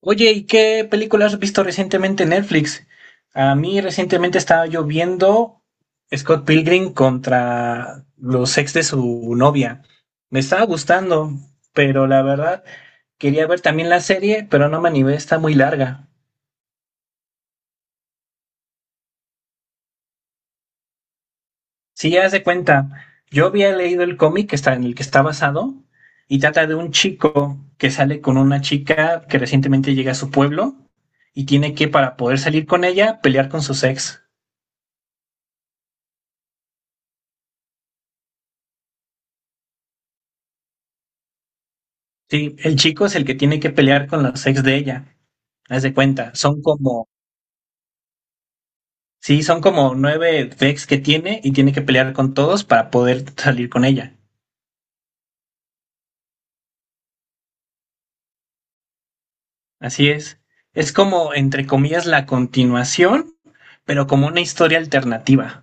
Oye, ¿y qué películas has visto recientemente en Netflix? A mí recientemente estaba yo viendo Scott Pilgrim contra los ex de su novia. Me estaba gustando, pero la verdad quería ver también la serie, pero no me animé, está muy larga. Si ya de cuenta, yo había leído el cómic que está en el que está basado y trata de un chico que sale con una chica que recientemente llega a su pueblo y tiene que, para poder salir con ella, pelear con sus ex. Sí, el chico es el que tiene que pelear con los ex de ella. Haz de cuenta, son como, sí, son como 9 ex que tiene y tiene que pelear con todos para poder salir con ella. Así es. Es como, entre comillas, la continuación, pero como una historia alternativa.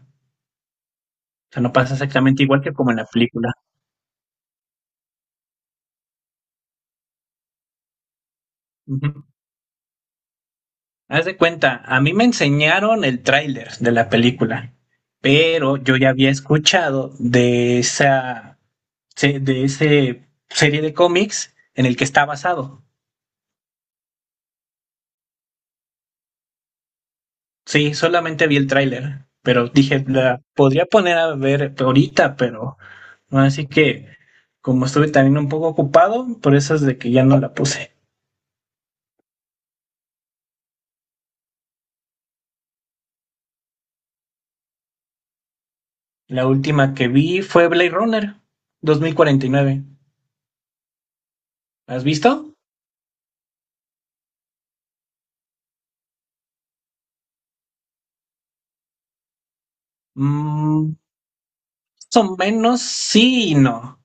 O sea, no pasa exactamente igual que como en la película. Ujú. Haz de cuenta, a mí me enseñaron el tráiler de la película, pero yo ya había escuchado de esa de ese serie de cómics en el que está basado. Sí, solamente vi el tráiler, pero dije, la podría poner a ver ahorita, pero no, así que como estuve también un poco ocupado, por eso es de que ya no la puse. La última que vi fue Blade Runner 2049. ¿La ¿Has visto? Mm, más o menos sí y no.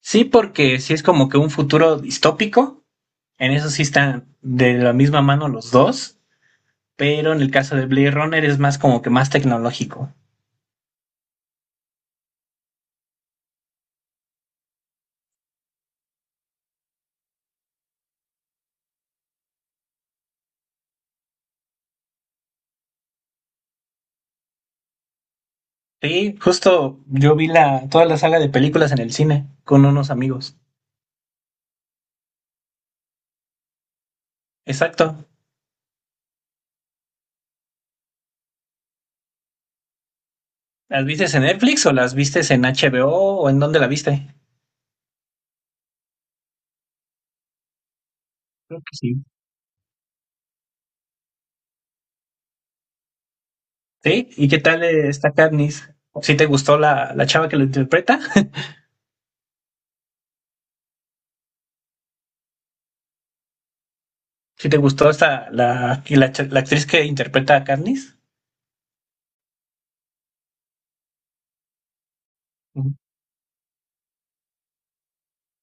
Sí, porque sí es como que un futuro distópico. En eso sí están de la misma mano los dos, pero en el caso de Blade Runner es más como que más tecnológico. Sí, justo yo vi la, toda la saga de películas en el cine con unos amigos. Exacto. ¿Las viste en Netflix o las viste en HBO o en dónde la viste? Creo que sí. ¿Sí? ¿Y qué tal está Katniss? ¿Sí te gustó la, la chava que lo interpreta? ¿Sí te gustó esta, la, y la, la actriz que interpreta a Katniss? Ujú.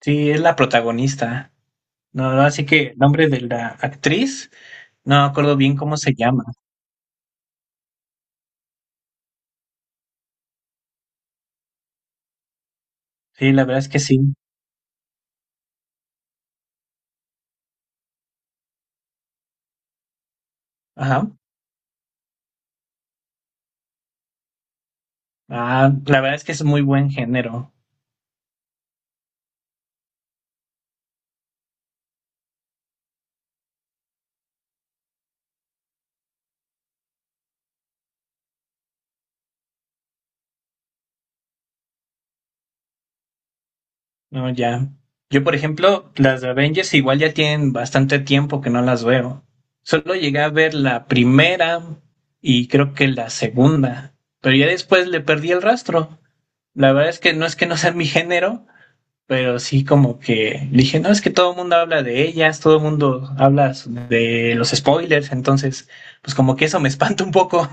Sí, es la protagonista. No, no, así que el nombre de la actriz, no me acuerdo bien cómo se llama. Sí, la verdad es que sí. Ajá. Ah, la verdad es que es muy buen género. No, ya. Yo, por ejemplo, las de Avengers igual ya tienen bastante tiempo que no las veo. Solo llegué a ver la primera y creo que la segunda, pero ya después le perdí el rastro. La verdad es que no sea mi género, pero sí como que dije, no, es que todo el mundo habla de ellas, todo el mundo habla de los spoilers, entonces pues como que eso me espanta un poco.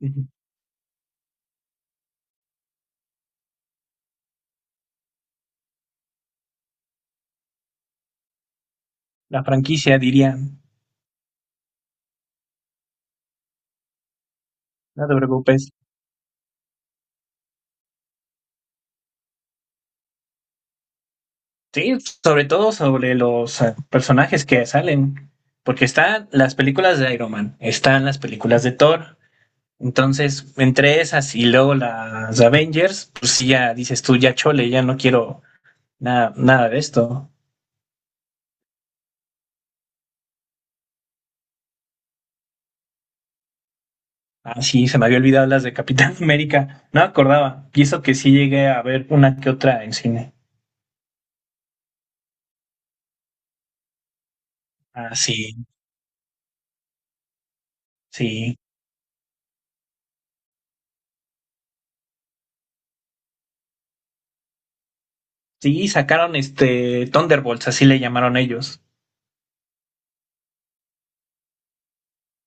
La franquicia, diría, no te preocupes. Sí, sobre todo sobre los personajes que salen, porque están las películas de Iron Man, están las películas de Thor, entonces entre esas y luego las Avengers, pues sí, ya dices tú, ya chole, ya no quiero nada, nada de esto. Ah, sí, se me había olvidado las de Capitán América, no me acordaba, y eso que sí llegué a ver una que otra en cine. Ah, sí, sí, sí, sacaron este Thunderbolts, así le llamaron ellos.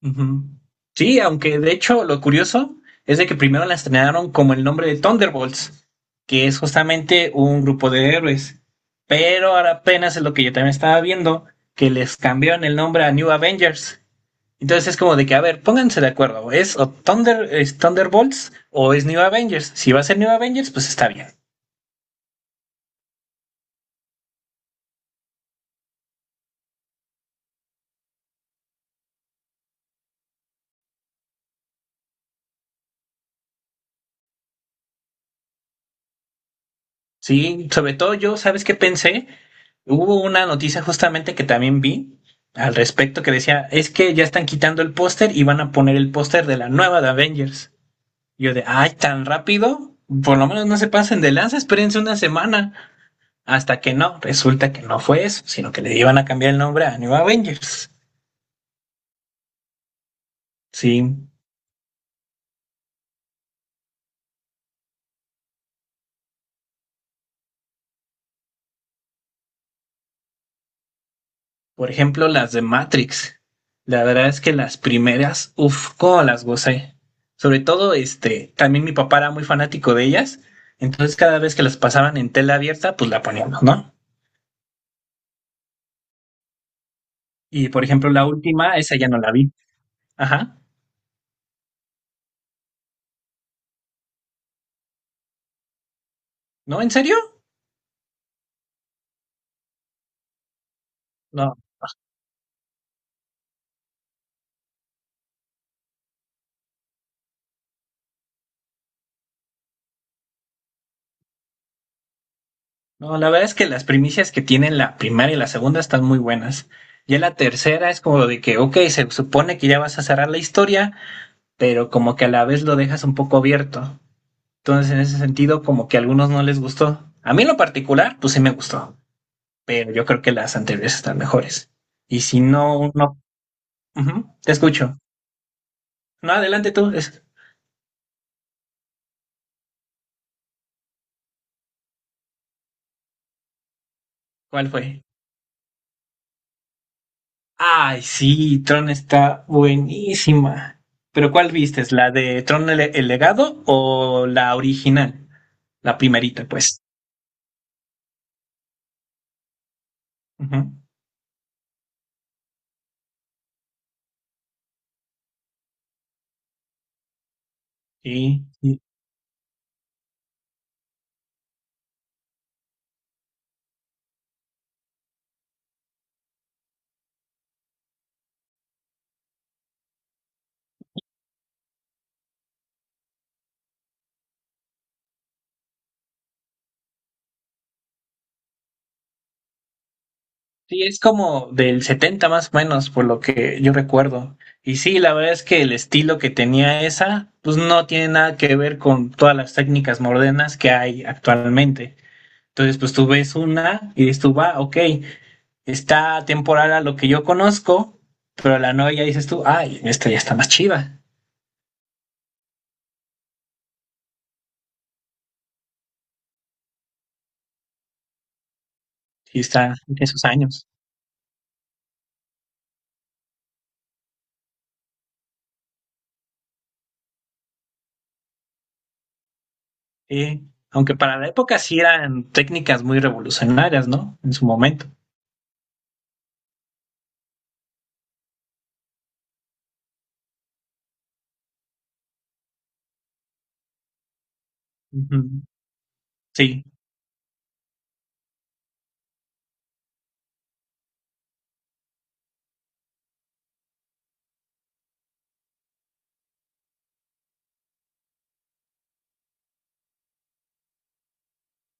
Ujú. Sí, aunque de hecho lo curioso es de que primero la estrenaron como el nombre de Thunderbolts, que es justamente un grupo de héroes. Pero ahora apenas es lo que yo también estaba viendo, que les cambiaron el nombre a New Avengers. Entonces es como de que, a ver, pónganse de acuerdo, ¿es o Thunder, es Thunderbolts o es New Avengers? Si va a ser New Avengers, pues está bien. Sí, sobre todo yo, ¿sabes qué pensé? Hubo una noticia justamente que también vi al respecto que decía, es que ya están quitando el póster y van a poner el póster de la nueva de Avengers. Y yo de, ay, tan rápido, por lo menos no se pasen de lanza, espérense una semana. Hasta que no, resulta que no fue eso, sino que le iban a cambiar el nombre a New Avengers. Sí. Por ejemplo, las de Matrix. La verdad es que las primeras, uff, cómo las gocé. Sobre todo, este, también mi papá era muy fanático de ellas. Entonces, cada vez que las pasaban en tela abierta, pues la poníamos, ¿no? Y por ejemplo, la última, esa ya no la vi. Ajá. ¿No? ¿En serio? No. No, la verdad es que las primicias que tienen la primera y la segunda están muy buenas. Ya la tercera es como de que, ok, se supone que ya vas a cerrar la historia, pero como que a la vez lo dejas un poco abierto. Entonces, en ese sentido, como que a algunos no les gustó. A mí en lo particular, pues sí me gustó, pero yo creo que las anteriores están mejores. Y si no, no, ujú, te escucho. No, adelante tú. Es- ¿Cuál fue? Ay, sí, Tron está buenísima. Pero ¿cuál viste? ¿La de Tron el legado o la original? La primerita, pues. Ujú. Sí, sí, sí, es como del 70 más o menos, por lo que yo recuerdo. Y sí, la verdad es que el estilo que tenía esa, pues no tiene nada que ver con todas las técnicas modernas que hay actualmente. Entonces, pues tú ves una y dices tú, va, ok, está temporal a lo que yo conozco, pero la nueva ya dices tú, ay, esta ya está más chiva. Sí, está en esos años. Sí, aunque para la época sí eran técnicas muy revolucionarias, ¿no? En su momento. Ujú. Sí.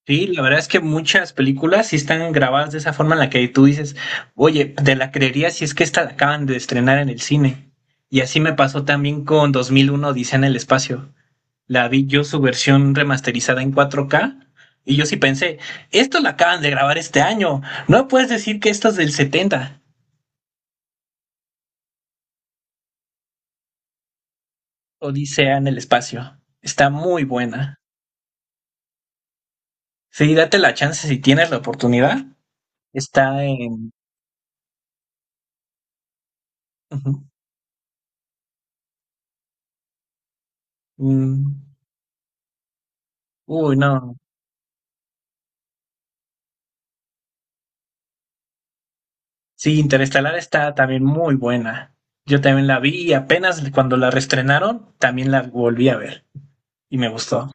Sí, la verdad es que muchas películas sí están grabadas de esa forma en la que tú dices, oye, te la creería si es que esta la acaban de estrenar en el cine. Y así me pasó también con 2001 Odisea en el espacio. La vi yo su versión remasterizada en 4K y yo sí pensé, esto la acaban de grabar este año. No puedes decir que esto es del 70. Odisea en el espacio. Está muy buena. Sí, date la chance si tienes la oportunidad. Está en... Ujú. Mm. Uy, no. Sí, Interestelar está también muy buena. Yo también la vi y apenas cuando la reestrenaron, también la volví a ver y me gustó.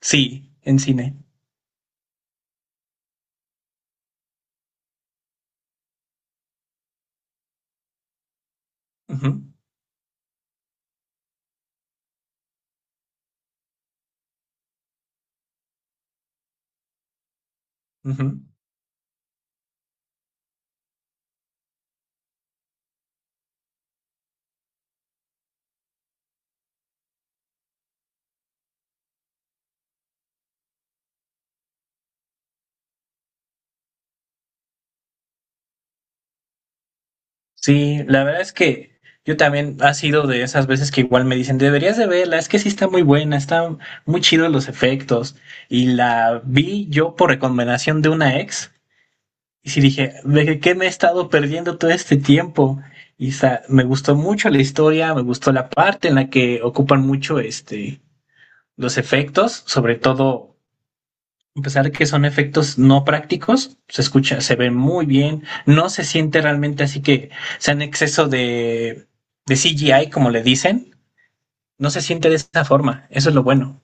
Sí, en cine. Ujú, ujú. Sí, la verdad es que yo también ha sido de esas veces que igual me dicen, deberías de verla, es que sí está muy buena, están muy chidos los efectos. Y la vi yo por recomendación de una ex. Y sí dije, ¿de qué me he estado perdiendo todo este tiempo? Y me gustó mucho la historia, me gustó la parte en la que ocupan mucho este, los efectos, sobre todo, a pesar de que son efectos no prácticos, se escucha, se ve muy bien, no se siente realmente así que sea en exceso de CGI, como le dicen, no se siente de esa forma, eso es lo bueno.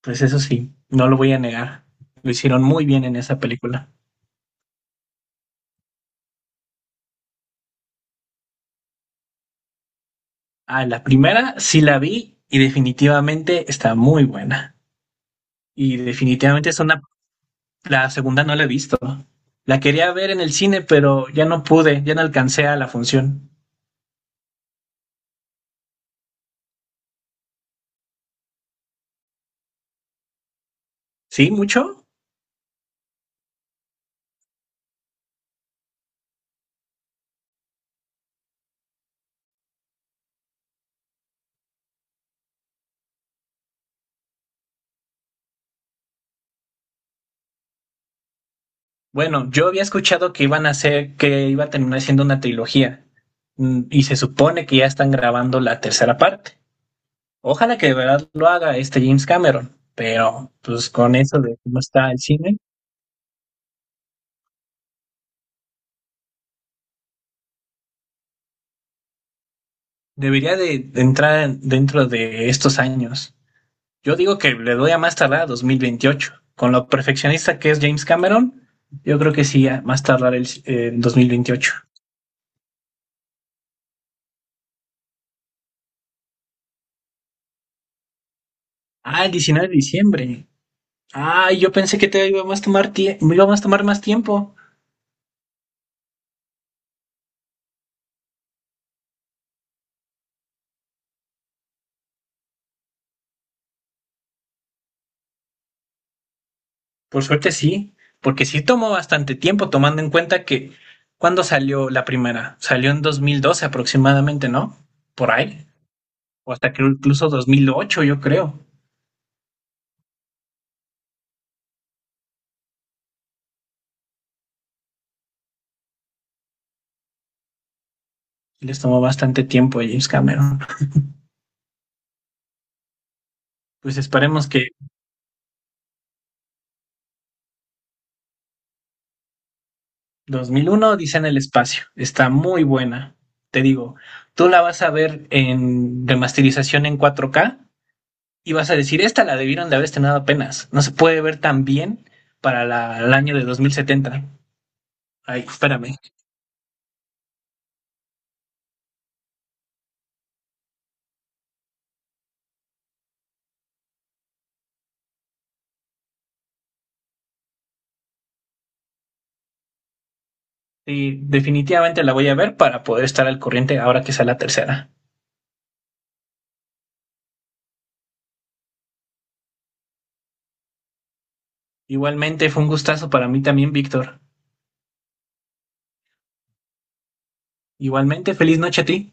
Pues eso sí, no lo voy a negar, lo hicieron muy bien en esa película. Ah, la primera sí la vi y definitivamente está muy buena. Y definitivamente es una... La segunda no la he visto. La quería ver en el cine, pero ya no pude, ya no alcancé a la función. ¿Sí? ¿Mucho? Bueno, yo había escuchado que iban a hacer, que iba a terminar siendo una trilogía. Mm, y se supone que ya están grabando la tercera parte. Ojalá que de verdad lo haga este James Cameron. Pero, pues con eso de cómo está el cine, debería de entrar en- dentro de estos años. Yo digo que le doy a más tardar a 2028. Con lo perfeccionista que es James Cameron, yo creo que sí, a más tardar el 2028. Ah, el 19 de diciembre. Ah, yo pensé que te iba a más tomar tie- me iba a más tomar más tiempo. Por suerte sí, porque sí tomó bastante tiempo, tomando en cuenta que ¿cuándo salió la primera? Salió en 2012 aproximadamente, ¿no? Por ahí. O hasta que incluso 2008, yo creo. Les tomó bastante tiempo a James Cameron. Pues esperemos que 2001, Odisea en el espacio. Está muy buena. Te digo, tú la vas a ver en remasterización en 4K y vas a decir, esta la debieron de haber estrenado apenas. No se puede ver tan bien para la, el año de 2070. Ay, espérame. Sí, definitivamente la voy a ver para poder estar al corriente ahora que sea la tercera. Igualmente fue un gustazo para mí también, Víctor. Igualmente, feliz noche a ti.